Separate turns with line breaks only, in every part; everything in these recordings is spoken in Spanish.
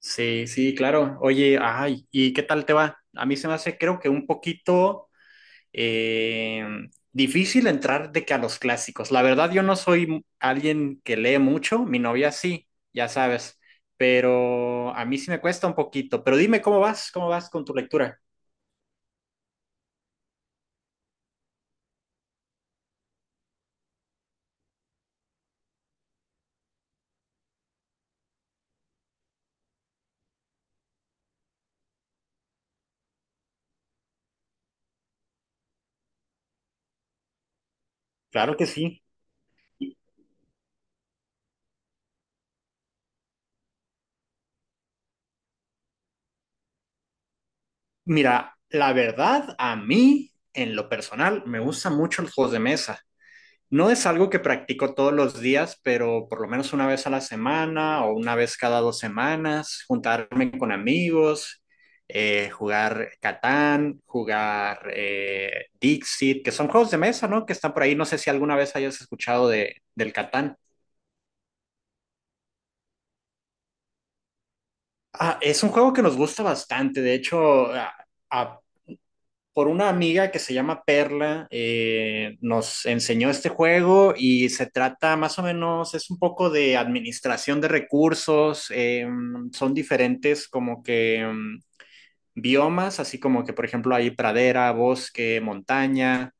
Sí, sí, claro. Oye, ay, ¿y qué tal te va? A mí se me hace, creo que un poquito eh, difícil entrar de que a los clásicos. La verdad, yo no soy alguien que lee mucho, mi novia sí, ya sabes, pero a mí sí me cuesta un poquito. Pero dime cómo vas con tu lectura. Claro que sí. Mira, la verdad, a mí, en lo personal, me gustan mucho los juegos de mesa. No es algo que practico todos los días, pero por lo menos una vez a la semana o una vez cada dos semanas, juntarme con amigos, jugar Catán, jugar Dixit, que son juegos de mesa, ¿no? Que están por ahí. No sé si alguna vez hayas escuchado del Catán. Ah, es un juego que nos gusta bastante. De hecho, a- por una amiga que se llama Perla, nos enseñó este juego y se trata más o menos, es un poco de administración de recursos, son diferentes como que biomas, así como que por ejemplo hay pradera, bosque, montaña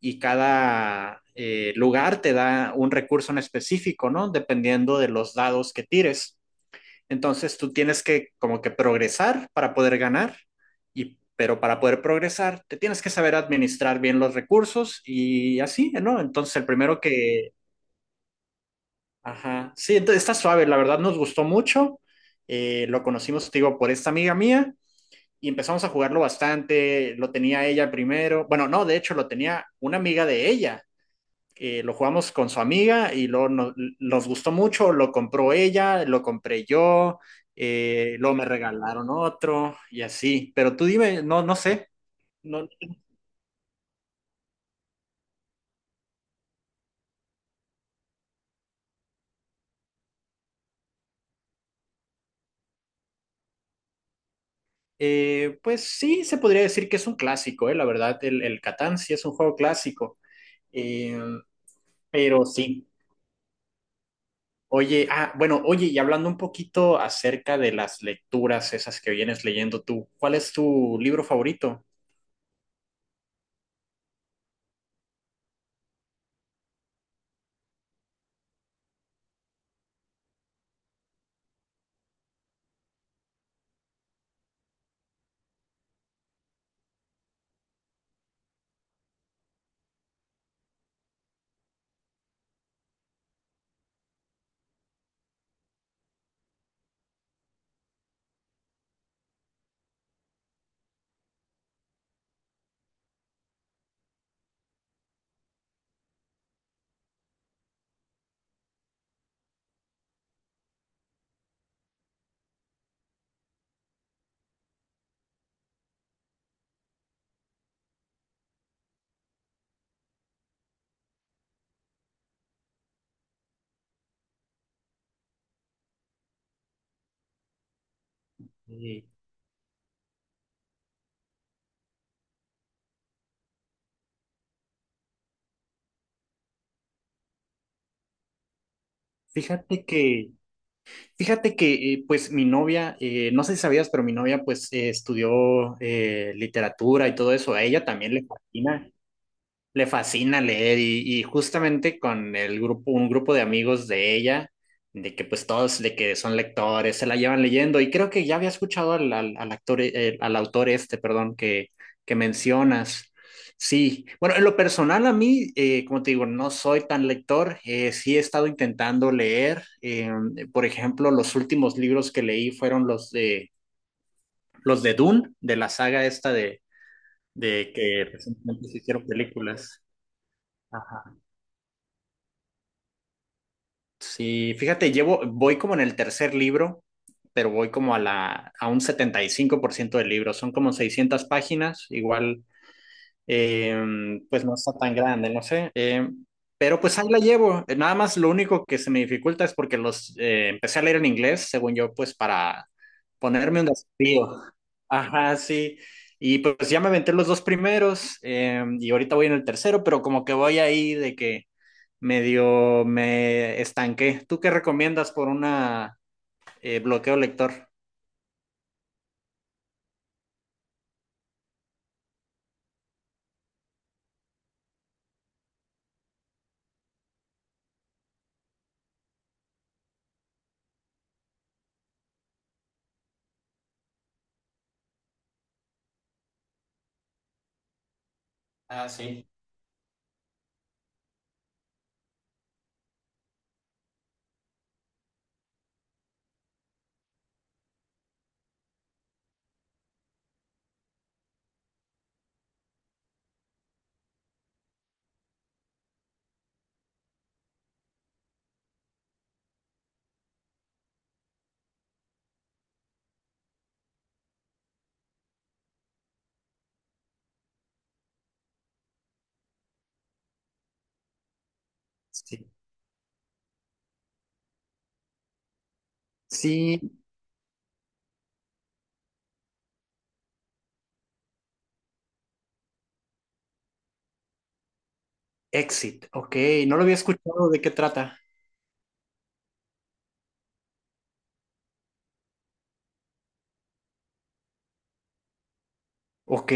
y cada lugar te da un recurso en específico, ¿no? Dependiendo de los dados que tires. Entonces tú tienes que como que progresar para poder ganar, y, pero para poder progresar te tienes que saber administrar bien los recursos y así, ¿no? Entonces el primero que... Ajá, sí, entonces está suave, la verdad nos gustó mucho, lo conocimos, te digo, por esta amiga mía y empezamos a jugarlo bastante, lo tenía ella primero, bueno, no, de hecho lo tenía una amiga de ella lo jugamos con su amiga y luego nos gustó mucho, lo compró ella, lo compré yo, luego me regalaron otro y así. Pero tú dime, no, no sé. No, pues sí, se podría decir que es un clásico, la verdad, el Catán sí es un juego clásico. Eh, pero sí. Oye, ah, bueno, oye, y hablando un poquito acerca de las lecturas esas que vienes leyendo tú, ¿cuál es tu libro favorito? Eh, Fíjate que Fíjate que pues mi novia, no sé si sabías, pero mi novia pues estudió literatura y todo eso. A ella también le fascina leer y justamente con el grupo, un grupo de amigos de ella, de que pues todos de que son lectores, se la llevan leyendo y creo que ya había escuchado al actor, al autor este, perdón, que mencionas. Sí, bueno, en lo personal a mí, como te digo, no soy tan lector, sí he estado intentando leer, por ejemplo, los últimos libros que leí fueron los de Dune, de la saga esta de que recientemente se hicieron películas. Ajá. Sí, fíjate, voy como en el tercer libro, pero voy como a un 75% del libro. Son como 600 páginas, igual, eh, pues no está tan grande, no sé. Pero pues ahí la llevo. Nada más lo único que se me dificulta es porque los empecé a leer en inglés, según yo, pues para ponerme un desafío. Ajá, sí. Y pues ya me aventé los dos primeros y ahorita voy en el tercero, pero como que voy ahí de que medio me estanqué. ¿Tú qué recomiendas por una bloqueo lector? Ah, sí. Sí. Sí, Exit, ok, no lo había escuchado de qué trata. Ok,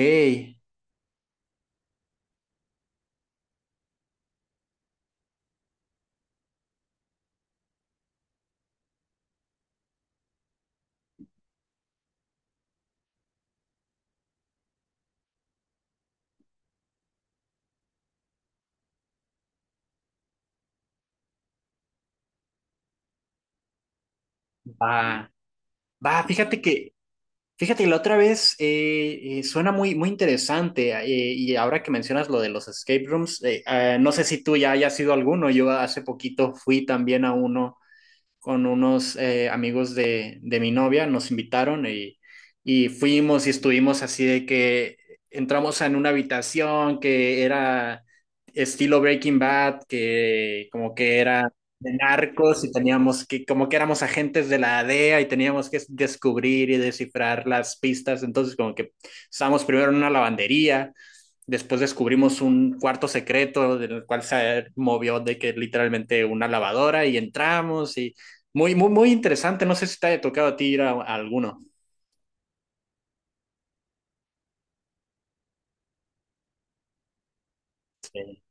va, va, fíjate, la otra vez suena muy, muy interesante y ahora que mencionas lo de los escape rooms, no sé si tú ya hayas ido a alguno, yo hace poquito fui también a uno con unos amigos de mi novia, nos invitaron y fuimos y estuvimos así de que entramos en una habitación que era estilo Breaking Bad, que como que era de narcos y teníamos que, como que éramos agentes de la DEA y teníamos que descubrir y descifrar las pistas. Entonces, como que estábamos primero en una lavandería, después descubrimos un cuarto secreto del cual se movió de que literalmente una lavadora y entramos y muy, muy, muy interesante. No sé si te haya tocado a ti ir a alguno. Sí.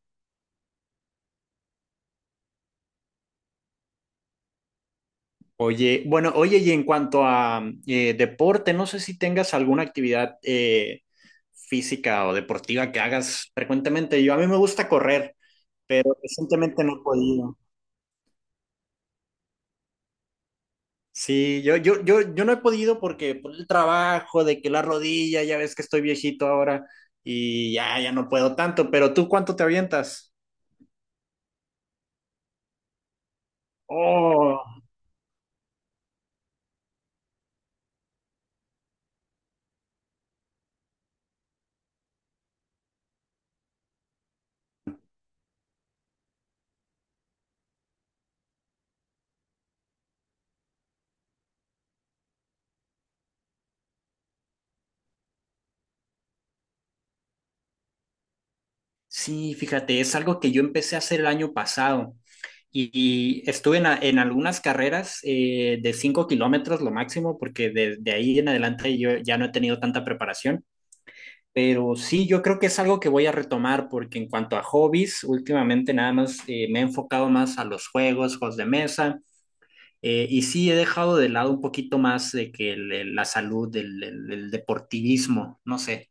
Oye, bueno, oye, y en cuanto a deporte, no sé si tengas alguna actividad física o deportiva que hagas frecuentemente. Yo a mí me gusta correr, pero recientemente no he podido. Sí, yo no he podido porque por el trabajo, de que la rodilla, ya ves que estoy viejito ahora y ya no puedo tanto, pero ¿tú cuánto te avientas? Oh, sí, fíjate, es algo que yo empecé a hacer el año pasado. Y estuve en algunas carreras de 5 kilómetros lo máximo, porque desde ahí en adelante yo ya no he tenido tanta preparación. Pero sí, yo creo que es algo que voy a retomar, porque en cuanto a hobbies, últimamente nada más me he enfocado más a juegos de mesa, y sí he dejado de lado un poquito más de que la salud, el deportivismo, no sé.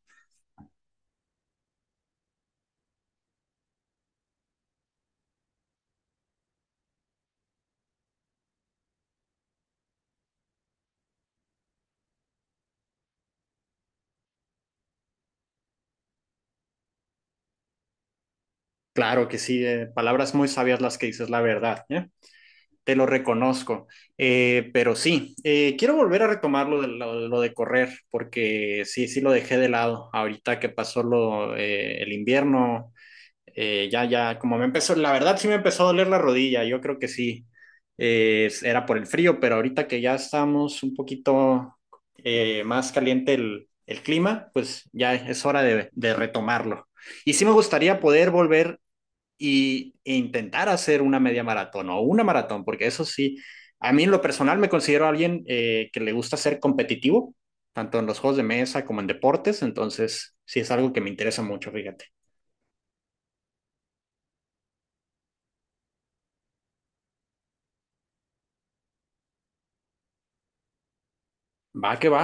Claro que sí, palabras muy sabias las que dices, la verdad, ¿eh? Te lo reconozco. Pero sí, quiero volver a retomar lo de, correr, porque sí, sí lo dejé de lado ahorita que pasó el invierno. Ya, como me empezó, la verdad sí me empezó a doler la rodilla, yo creo que sí, era por el frío, pero ahorita que ya estamos un poquito más caliente clima, pues ya es hora de retomarlo. Y sí me gustaría poder volver e intentar hacer una media maratón o una maratón, porque eso sí, a mí en lo personal me considero alguien que le gusta ser competitivo, tanto en los juegos de mesa como en deportes, entonces sí es algo que me interesa mucho, fíjate. Va que va.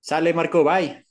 Sale Marco, bye.